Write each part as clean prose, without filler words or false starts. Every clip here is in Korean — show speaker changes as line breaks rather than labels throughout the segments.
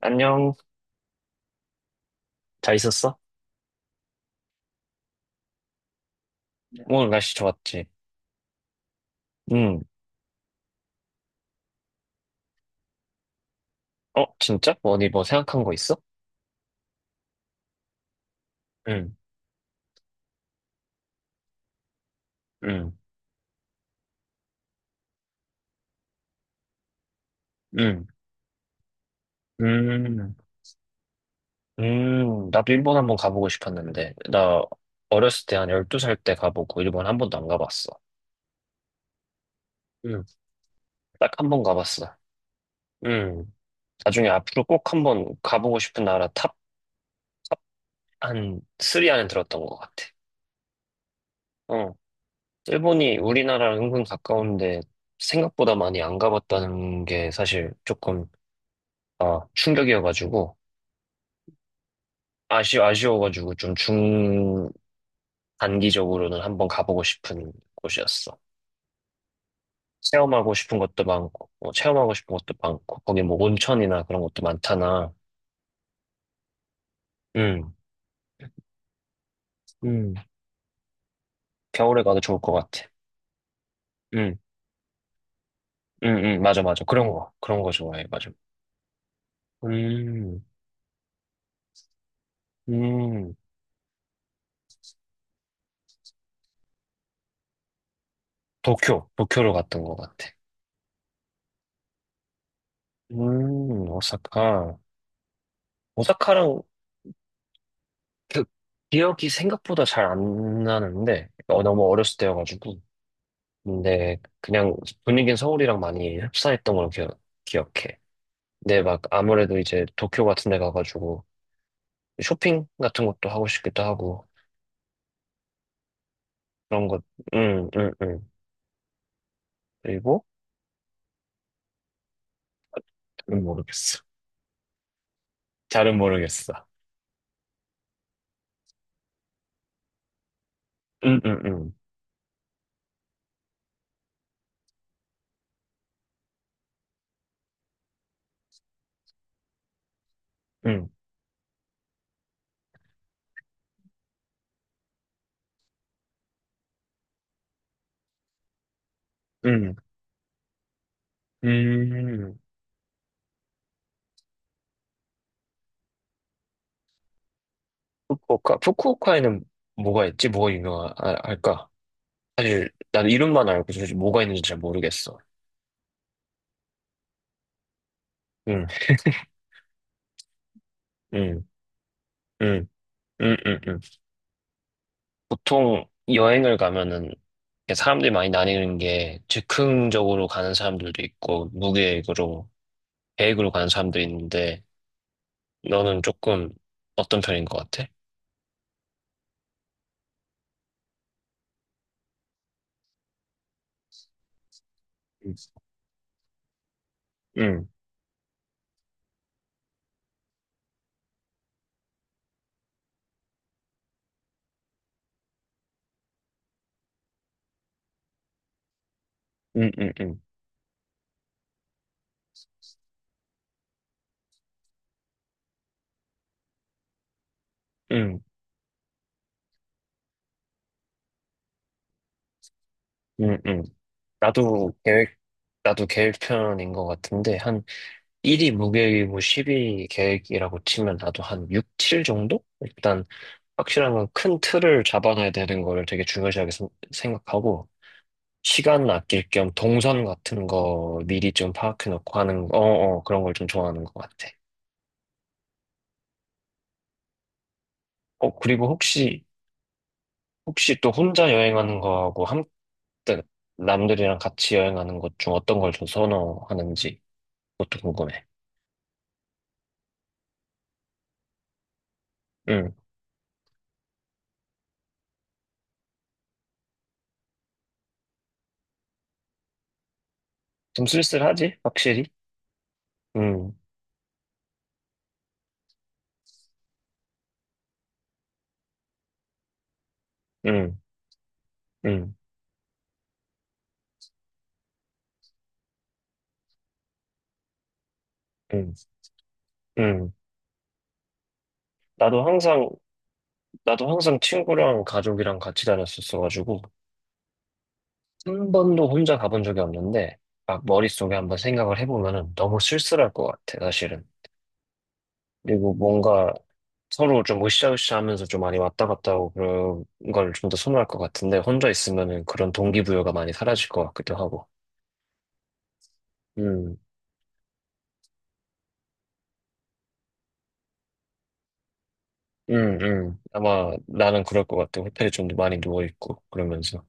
안녕. 잘 있었어? 네. 오늘 날씨 좋았지? 응. 어, 진짜? 뭐니 뭐 생각한 거 있어? 응, 응, 응, 음, 나도 일본 한번 가보고 싶었는데. 나 어렸을 때 한 12살 때 가보고 일본 한 번도 안 가봤어. 응. 딱 한 번 가봤어. 응. 나중에 앞으로 꼭 한 번 가보고 싶은 나라 탑 한 3 안에 들었던 것 같아. 어. 일본이 우리나라랑 은근 가까운데 생각보다 많이 안 가봤다는 게 사실 조금 아, 충격이어가지고, 아쉬워가지고 좀 중단기적으로는 한번 가보고 싶은 곳이었어. 체험하고 싶은 것도 많고, 거기 뭐 온천이나 그런 것도 많잖아. 응, 응. 겨울에 가도 좋을 것 같아. 응, 응, 응, 맞아, 맞아. 그런 거 좋아해, 맞아. 음, 음. 도쿄로 갔던 것 같아. 오사카. 오사카랑 그 기억이 생각보다 잘 안 나는데, 너무 어렸을 때여가지고. 근데 그냥 분위기는 서울이랑 많이 흡사했던 걸로 기억해. 근데 막 아무래도 이제 도쿄 같은 데 가가지고 쇼핑 같은 것도 하고 싶기도 하고 그런 것, 응, 응, 응. 그리고 잘은 모르겠어. 잘은 모르겠어. 응, 응, 응, 응, 응. 음, 후쿠오카에는 뭐가 있지? 뭐가 유명할까? 사실 난 이름만 알고 사실 뭐가 있는지 잘 모르겠어. 응, 응, 응, 응, 응, 응. 보통 여행을 가면은 이렇게 사람들이 많이 나뉘는 게 즉흥적으로 가는 사람들도 있고 무계획으로 계획으로 가는 사람도 있는데 너는 조금 어떤 편인 것 같아? 응, 응, 응, 응, 응, 응, 응. 나도 계획, 나도 계획 편인 것 같은데 한 1이 무계획이고 10이 계획이라고 치면 나도 한 6, 7 정도? 일단 확실한 건 큰 틀을 잡아놔야 되는 거를 되게 중요시하게 생각하고 시간 아낄 겸 동선 같은 거 미리 좀 파악해 놓고 하는 거, 그런 걸 좀 좋아하는 것 같아. 그리고 혹시 또 혼자 여행하는 거하고 그 남들이랑 같이 여행하는 것 중 어떤 걸 좀 선호하는지 그것도 궁금해. 음, 좀 쓸쓸하지? 확실히? 음, 음, 음, 음, 음. 나도 항상, 나도 항상 친구랑 가족이랑 같이 다녔었어가지고, 한 번도 혼자 가본 적이 없는데, 막 머릿속에 한번 생각을 해보면은 너무 쓸쓸할 것 같아, 사실은. 그리고 뭔가 서로 좀 으쌰으쌰 하면서 좀 많이 왔다 갔다 하고 그런 걸 좀 더 선호할 것 같은데, 혼자 있으면은 그런 동기부여가 많이 사라질 것 같기도 하고. 음, 아마 나는 그럴 것 같아. 호텔에 좀 많이 누워있고, 그러면서.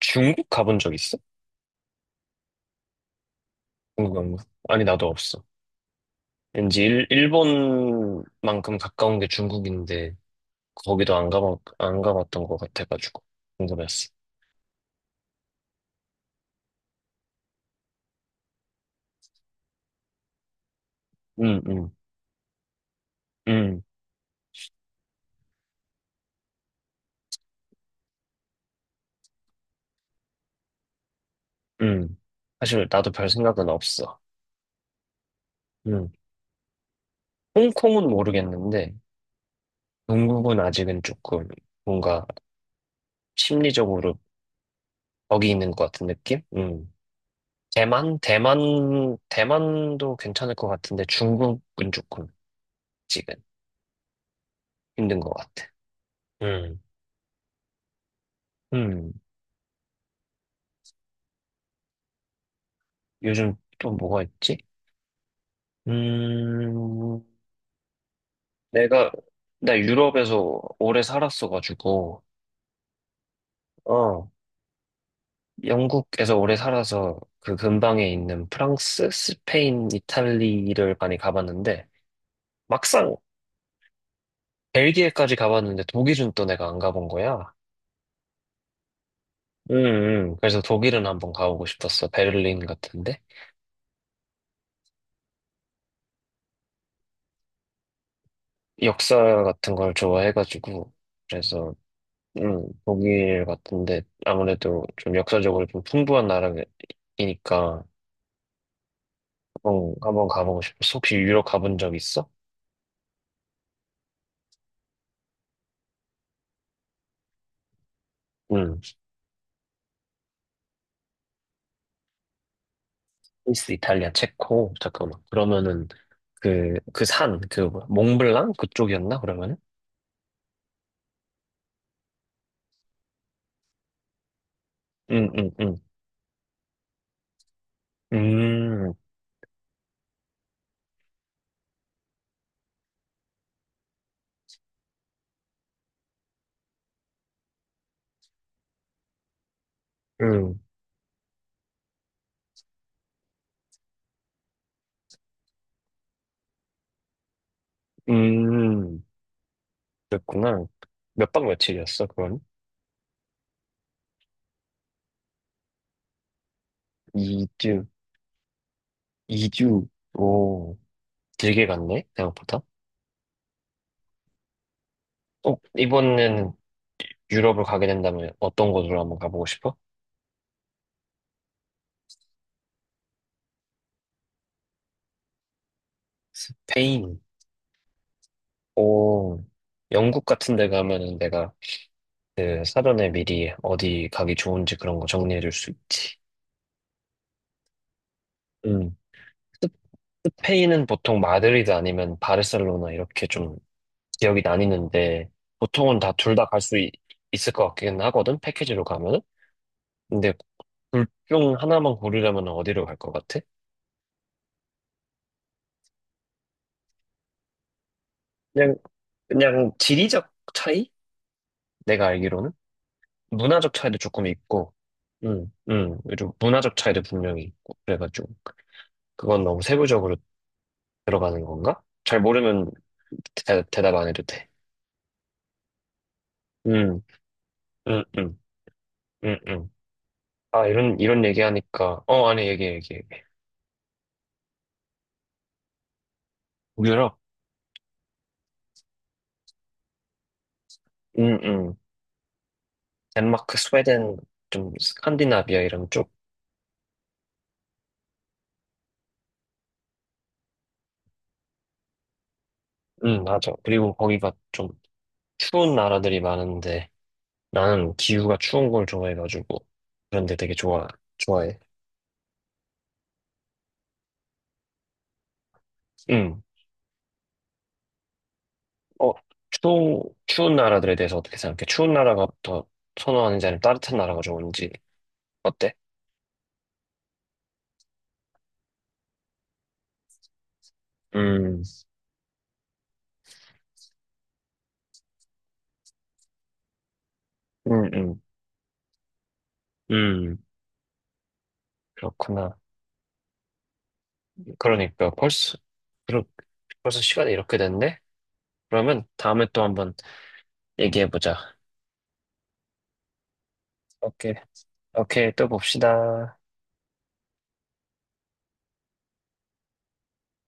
중국 가본 적 있어? 중국 안 가? 아니, 나도 없어. 왠지 일본만큼 가까운 게 중국인데, 거기도 안 가봤던 것 같아가지고 궁금했어. 응, 응, 응, 응. 사실 나도 별 생각은 없어. 응. 홍콩은 모르겠는데 동국은 아직은 조금 뭔가 심리적으로 거기 있는 것 같은 느낌? 응. 대만, 대만, 대만도 괜찮을 것 같은데 중국은 조금 지금 힘든 것 같아. 음. 음. 요즘 또 뭐가 있지? 음, 내가 나 유럽에서 오래 살았어가지고. 어. 영국에서 오래 살아서 그 근방에 있는 프랑스, 스페인, 이탈리를 많이 가봤는데 막상 벨기에까지 가봤는데 독일은 또 내가 안 가본 거야. 음, 그래서 독일은 한번 가보고 싶었어. 베를린 같은데. 역사 같은 걸 좋아해가지고. 그래서, 독일 같은데 아무래도 좀 역사적으로 좀 풍부한 나라이니까 한번 가보고 싶었어. 혹시 유럽 가본 적 있어? 스위스, 이탈리아, 체코. 잠깐만. 그러면은 그 산, 그 뭐야, 몽블랑 그쪽이었나? 그러면은? 응, 응, 응. 음, 음, 음. 그랬구나. 몇박 며칠이었어, 그건? 이주이주 오, 길게 갔네, 생각보다. 이번에는 유럽을 가게 된다면 어떤 곳으로 한번 가보고 싶어? 스페인. 오, 영국 같은 데 가면은 내가 그 사전에 미리 어디 가기 좋은지 그런 거 정리해 줄 수 있지. 응. 스- 스페인은 보통 마드리드 아니면 바르셀로나 이렇게 좀 지역이 나뉘는데 보통은 다 둘 다 갈 수 있을 것 같긴 하거든 패키지로 가면은 근데 둘 중 하나만 고르려면 어디로 갈 것 같아? 그냥 그냥 지리적 차이? 내가 알기로는 문화적 차이도 조금 있고 좀 문화적 차이도 분명히 있고 그래가지고 그건 너무 세부적으로 들어가는 건가? 잘 모르면 답안 해도 돼. 음, 음, 음, 음, 음. 아, 이런 얘기하니까. 아니, 얘기, 얘기. 유럽? 응, 응. 덴마크, 스웨덴, 좀, 스칸디나비아 이런 쪽. 응, 맞아. 그리고 거기가 좀 추운 나라들이 많은데, 나는 기후가 추운 걸 좋아해가지고, 그런데 되게 좋아해. 응. 어, 추운 나라들에 대해서 어떻게 생각해? 추운 나라가 더 선호하는지 아니면 따뜻한 나라가 좋은지, 어때? 음, 음, 음, 음. 그렇구나. 그러니까, 그렇- 벌써 시간이 이렇게 됐네? 그러면 다음에 또 한번 얘기해보자. 오케이. 오케이. 또 봅시다.